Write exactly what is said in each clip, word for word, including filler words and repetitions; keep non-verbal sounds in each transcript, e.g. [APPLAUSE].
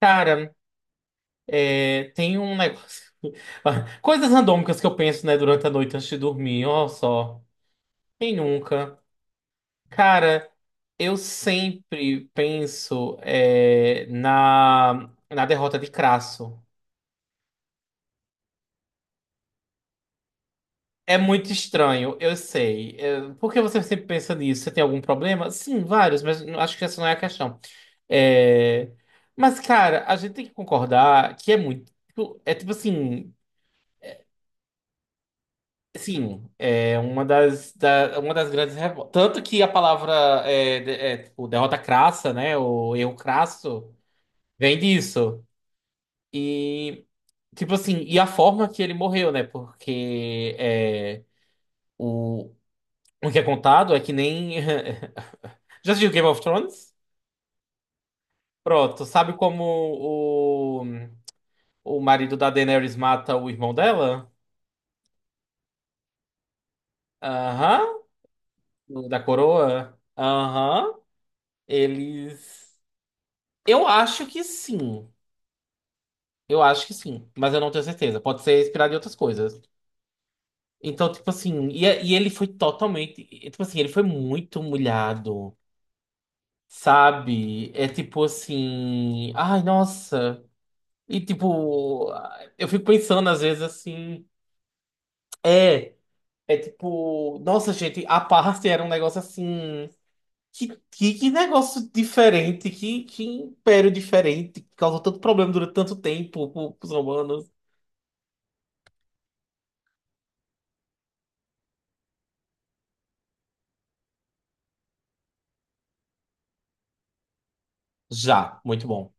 Cara, é, tem um negócio. [LAUGHS] Coisas randômicas que eu penso, né, durante a noite antes de dormir. Ó, só. Quem nunca? Cara, eu sempre penso é, na, na derrota de Crasso. É muito estranho, eu sei. É, por que você sempre pensa nisso? Você tem algum problema? Sim, vários, mas não- acho que essa não é a questão. É, mas, cara, a gente tem que concordar que é muito. tipo, É tipo assim. Sim, é uma das, da- uma das grandes revoltas. Tanto que a palavra é, de- é, tipo, derrota crassa, né? O erro crasso vem disso. E, tipo assim, e a forma que ele morreu, né? Porque é, o, o que é contado é que nem. [LAUGHS] Já assistiu Game of Thrones? Pronto, sabe como o, o marido da Daenerys mata o irmão dela? Aham, o da coroa? Aham, eles. Eu acho que sim. Eu acho que sim, mas eu não tenho certeza. Pode ser inspirado em outras coisas. Então, tipo assim, e, é, e ele foi totalmente. e, Tipo assim, ele foi muito humilhado, sabe? É tipo assim. Ai, nossa. E tipo, eu fico pensando às vezes assim. É, é tipo. Nossa, gente, a parte era um negócio assim. Que, que, que negócio diferente, que, que império diferente, que causou tanto problema durante tanto tempo para os romanos. Já, muito bom.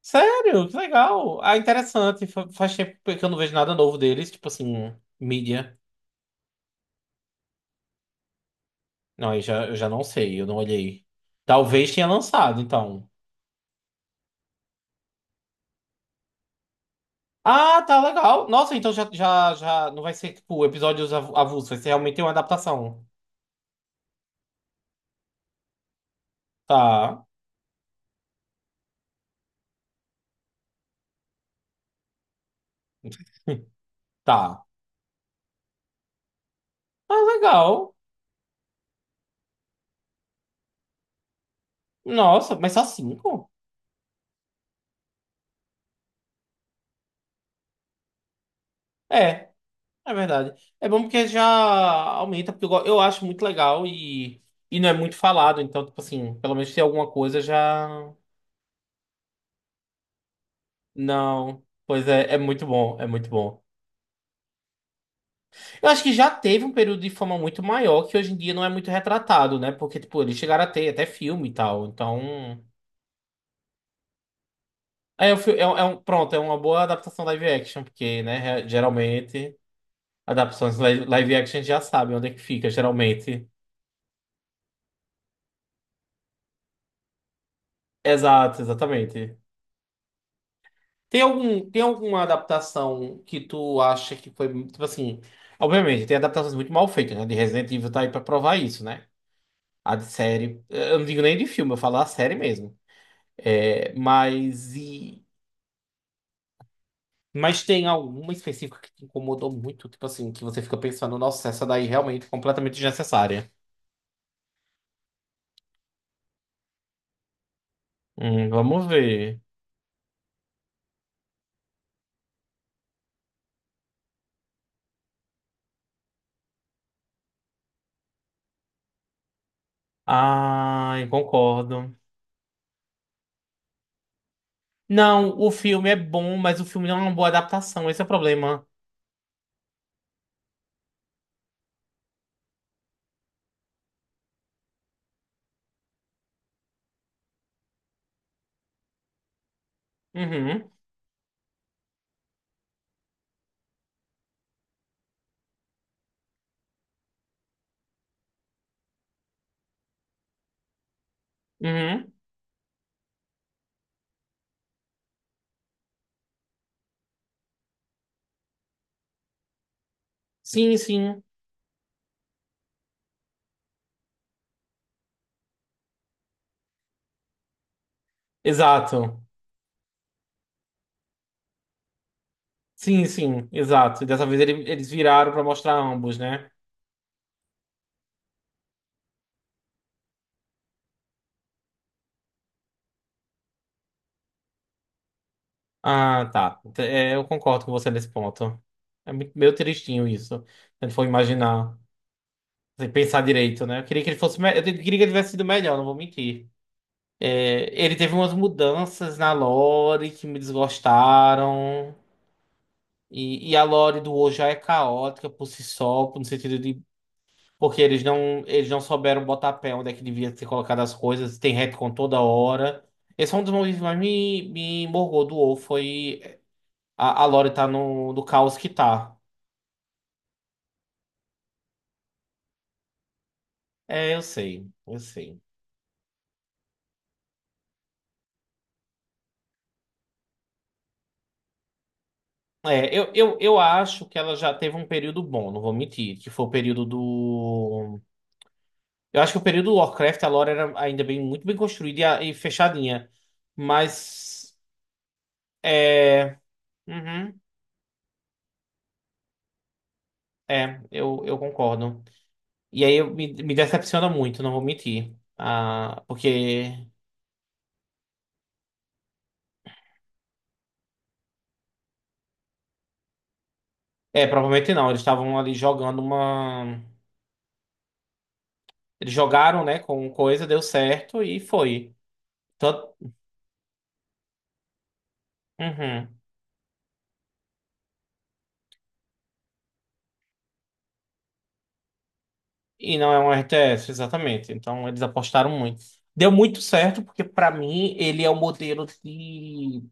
Sério? Que legal. Ah, interessante. Fa- Faz tempo que eu não vejo nada novo deles, tipo assim, mídia. Não, aí já, eu já não sei, eu não olhei. Talvez tenha lançado, então. Ah, tá legal. Nossa, então já, já, já não vai ser, tipo, episódios av- avulsos, vai ser realmente uma adaptação. Tá, [LAUGHS] tá. Ah, legal. Nossa, mas só cinco? É, é verdade. É bom porque já aumenta, porque eu, go- eu acho muito legal e, e não é muito falado, então, tipo assim, pelo menos tem alguma coisa já. Não. Pois é, é muito bom, é muito bom. Eu acho que já teve um período de fama muito maior que hoje em dia não é muito retratado, né? Porque, tipo, eles chegaram a ter até filme e tal. Então. É, um fi- é, um- é um, pronto, é uma boa adaptação live action, porque, né, geralmente, adaptações li- live action já sabem onde é que fica, geralmente. Exato, exatamente. Tem algum, tem alguma adaptação que tu acha que foi, tipo assim. Obviamente, tem adaptações muito mal feitas, né? De Resident Evil tá aí pra provar isso, né? A de série. Eu não digo nem de filme, eu falo a série mesmo. É, mas e. Mas tem alguma específica que te incomodou muito, tipo assim, que você fica pensando, nossa, essa daí realmente é completamente desnecessária. Hum, vamos ver. Ai, concordo. Não, o filme é bom, mas o filme não é uma boa adaptação, esse é o problema. Uhum, uhum. Sim, sim. Exato. Sim, sim, exato. E dessa vez ele- eles viraram pra mostrar ambos, né? Ah, tá. Ent- é, eu concordo com você nesse ponto. É muito, meio tristinho isso. Se ele for imaginar, sem pensar direito, né? Eu queria que ele fosse, me- eu queria que ele tivesse sido melhor, não vou mentir. É, ele teve umas mudanças na lore que me desgostaram. E, e a lore do hoje já é caótica por si só, no sentido de porque eles não, eles não souberam botar pé onde é que devia ser colocado as coisas, tem retcon toda hora. Esse é um dos motivos que mais me, me morgou do WoW, foi A, a Lore tá no, no caos que tá. É, eu sei, eu sei. É, eu, eu, eu acho que ela já teve um período bom, não vou mentir, que foi o período do. Eu acho que o período do Warcraft, a lore era ainda bem, muito bem construída e, a- e fechadinha. Mas. É. Uhum, é, eu, eu concordo. E aí eu, me, me decepciona muito, não vou mentir. Ah, porque. É, provavelmente não, eles estavam ali jogando uma. Eles jogaram, né, com coisa, deu certo e foi. Tanto, uhum. E não é um R T S, exatamente. Então eles apostaram muito. Deu muito certo, porque pra mim ele é o modelo de.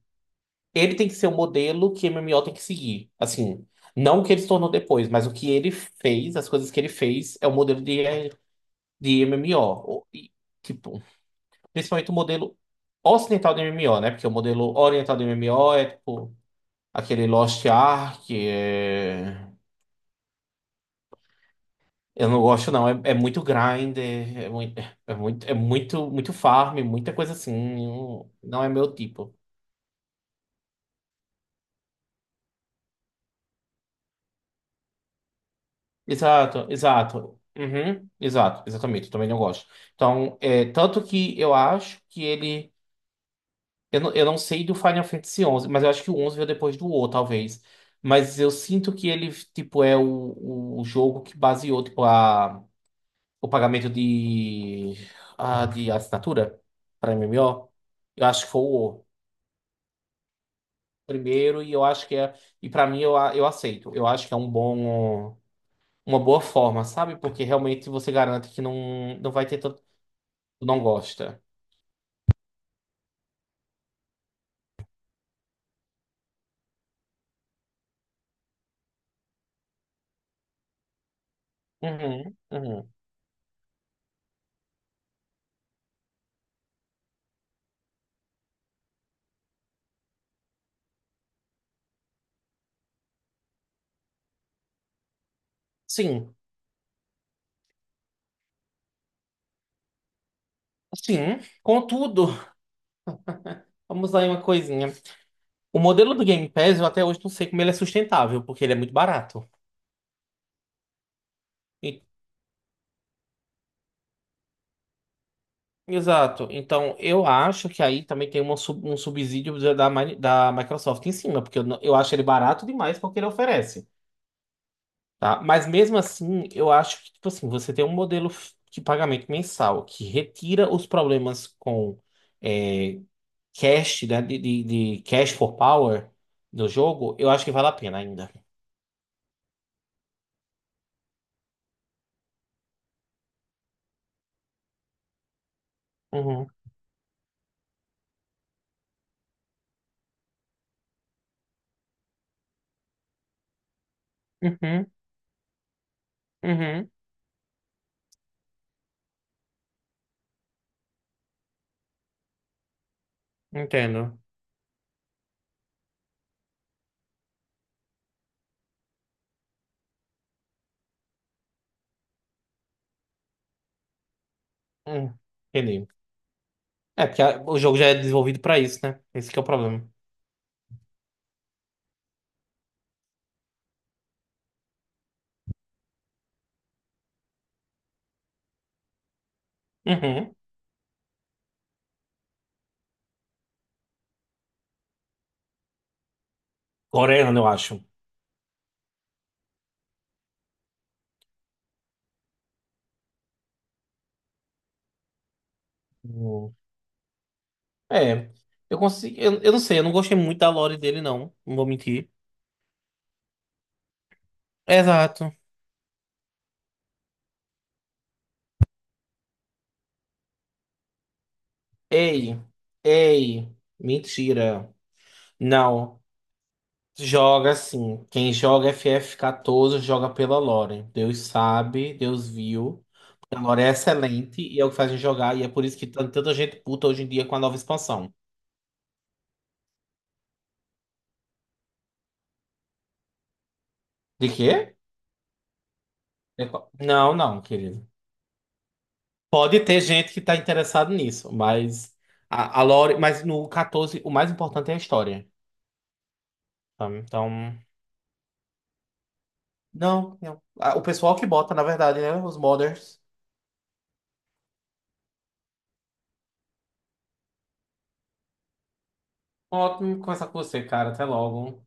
Ele tem que ser o modelo que M M O tem que seguir. Assim, não o que ele se tornou depois, mas o que ele fez, as coisas que ele fez, é o modelo de, de M M O. O- O- e, tipo, principalmente o modelo ocidental de M M O, né? Porque o modelo oriental de M M O é tipo aquele Lost Ark, é, eu não gosto, não. É, é muito grinder, é muito, é é muito, é muito, muito farm, muita coisa assim. Não não é meu tipo. Exato, exato. Uhum, exato, exatamente. Eu também não gosto. Então, é, tanto que eu acho que ele. Eu não, eu não sei do Final Fantasy onze, mas eu acho que o onze veio depois do O, talvez. Mas eu sinto que ele, tipo, é o, o jogo que baseou, tipo, a, o pagamento de, a, de assinatura para M M O. Eu acho que foi o O. primeiro e eu acho que é e pra mim eu, a- eu aceito. Eu acho que é um bom uma boa forma, sabe? Porque realmente você garante que não não vai ter tanto não gosta. Uhum, uhum. Sim. Sim. Contudo, vamos lá em uma coisinha. O modelo do Game Pass eu até hoje não sei como ele é sustentável, porque ele é muito barato. E- Exato. Então, eu acho que aí também tem uma sub- um subsídio da, da Microsoft em cima, porque eu, não- eu acho ele barato demais porque ele oferece. Tá? Mas mesmo assim, eu acho que, tipo assim, você tem um modelo f- de pagamento mensal que retira os problemas com é, cash, né, de, de, de cash for power do jogo, eu acho que vale a pena ainda. Uhum, uhum, uhum, entendo. Hum, entendi. É, porque a- o jogo já é desenvolvido pra isso, né? Esse que é o problema. Uhum. Coreano, eu acho. Hum. É, eu consigo, eu, eu não sei, eu não gostei muito da lore dele, não, não vou mentir. Exato. Ei, ei, mentira. Não, joga sim. Quem joga F F catorze joga pela Lore. Deus sabe, Deus viu. A Lore é excelente e é o que faz a gente jogar. E é por isso que tá tanta gente puta hoje em dia com a nova expansão. De quê? É qual- não, não, querido. Pode ter gente que tá interessado nisso, mas a, a Lore, mas no catorze o mais importante é a história. Sabe? Então, não, não. Ah, o pessoal que bota, na verdade, né? Os modders. Ótimo conversar com você, cara. Até logo.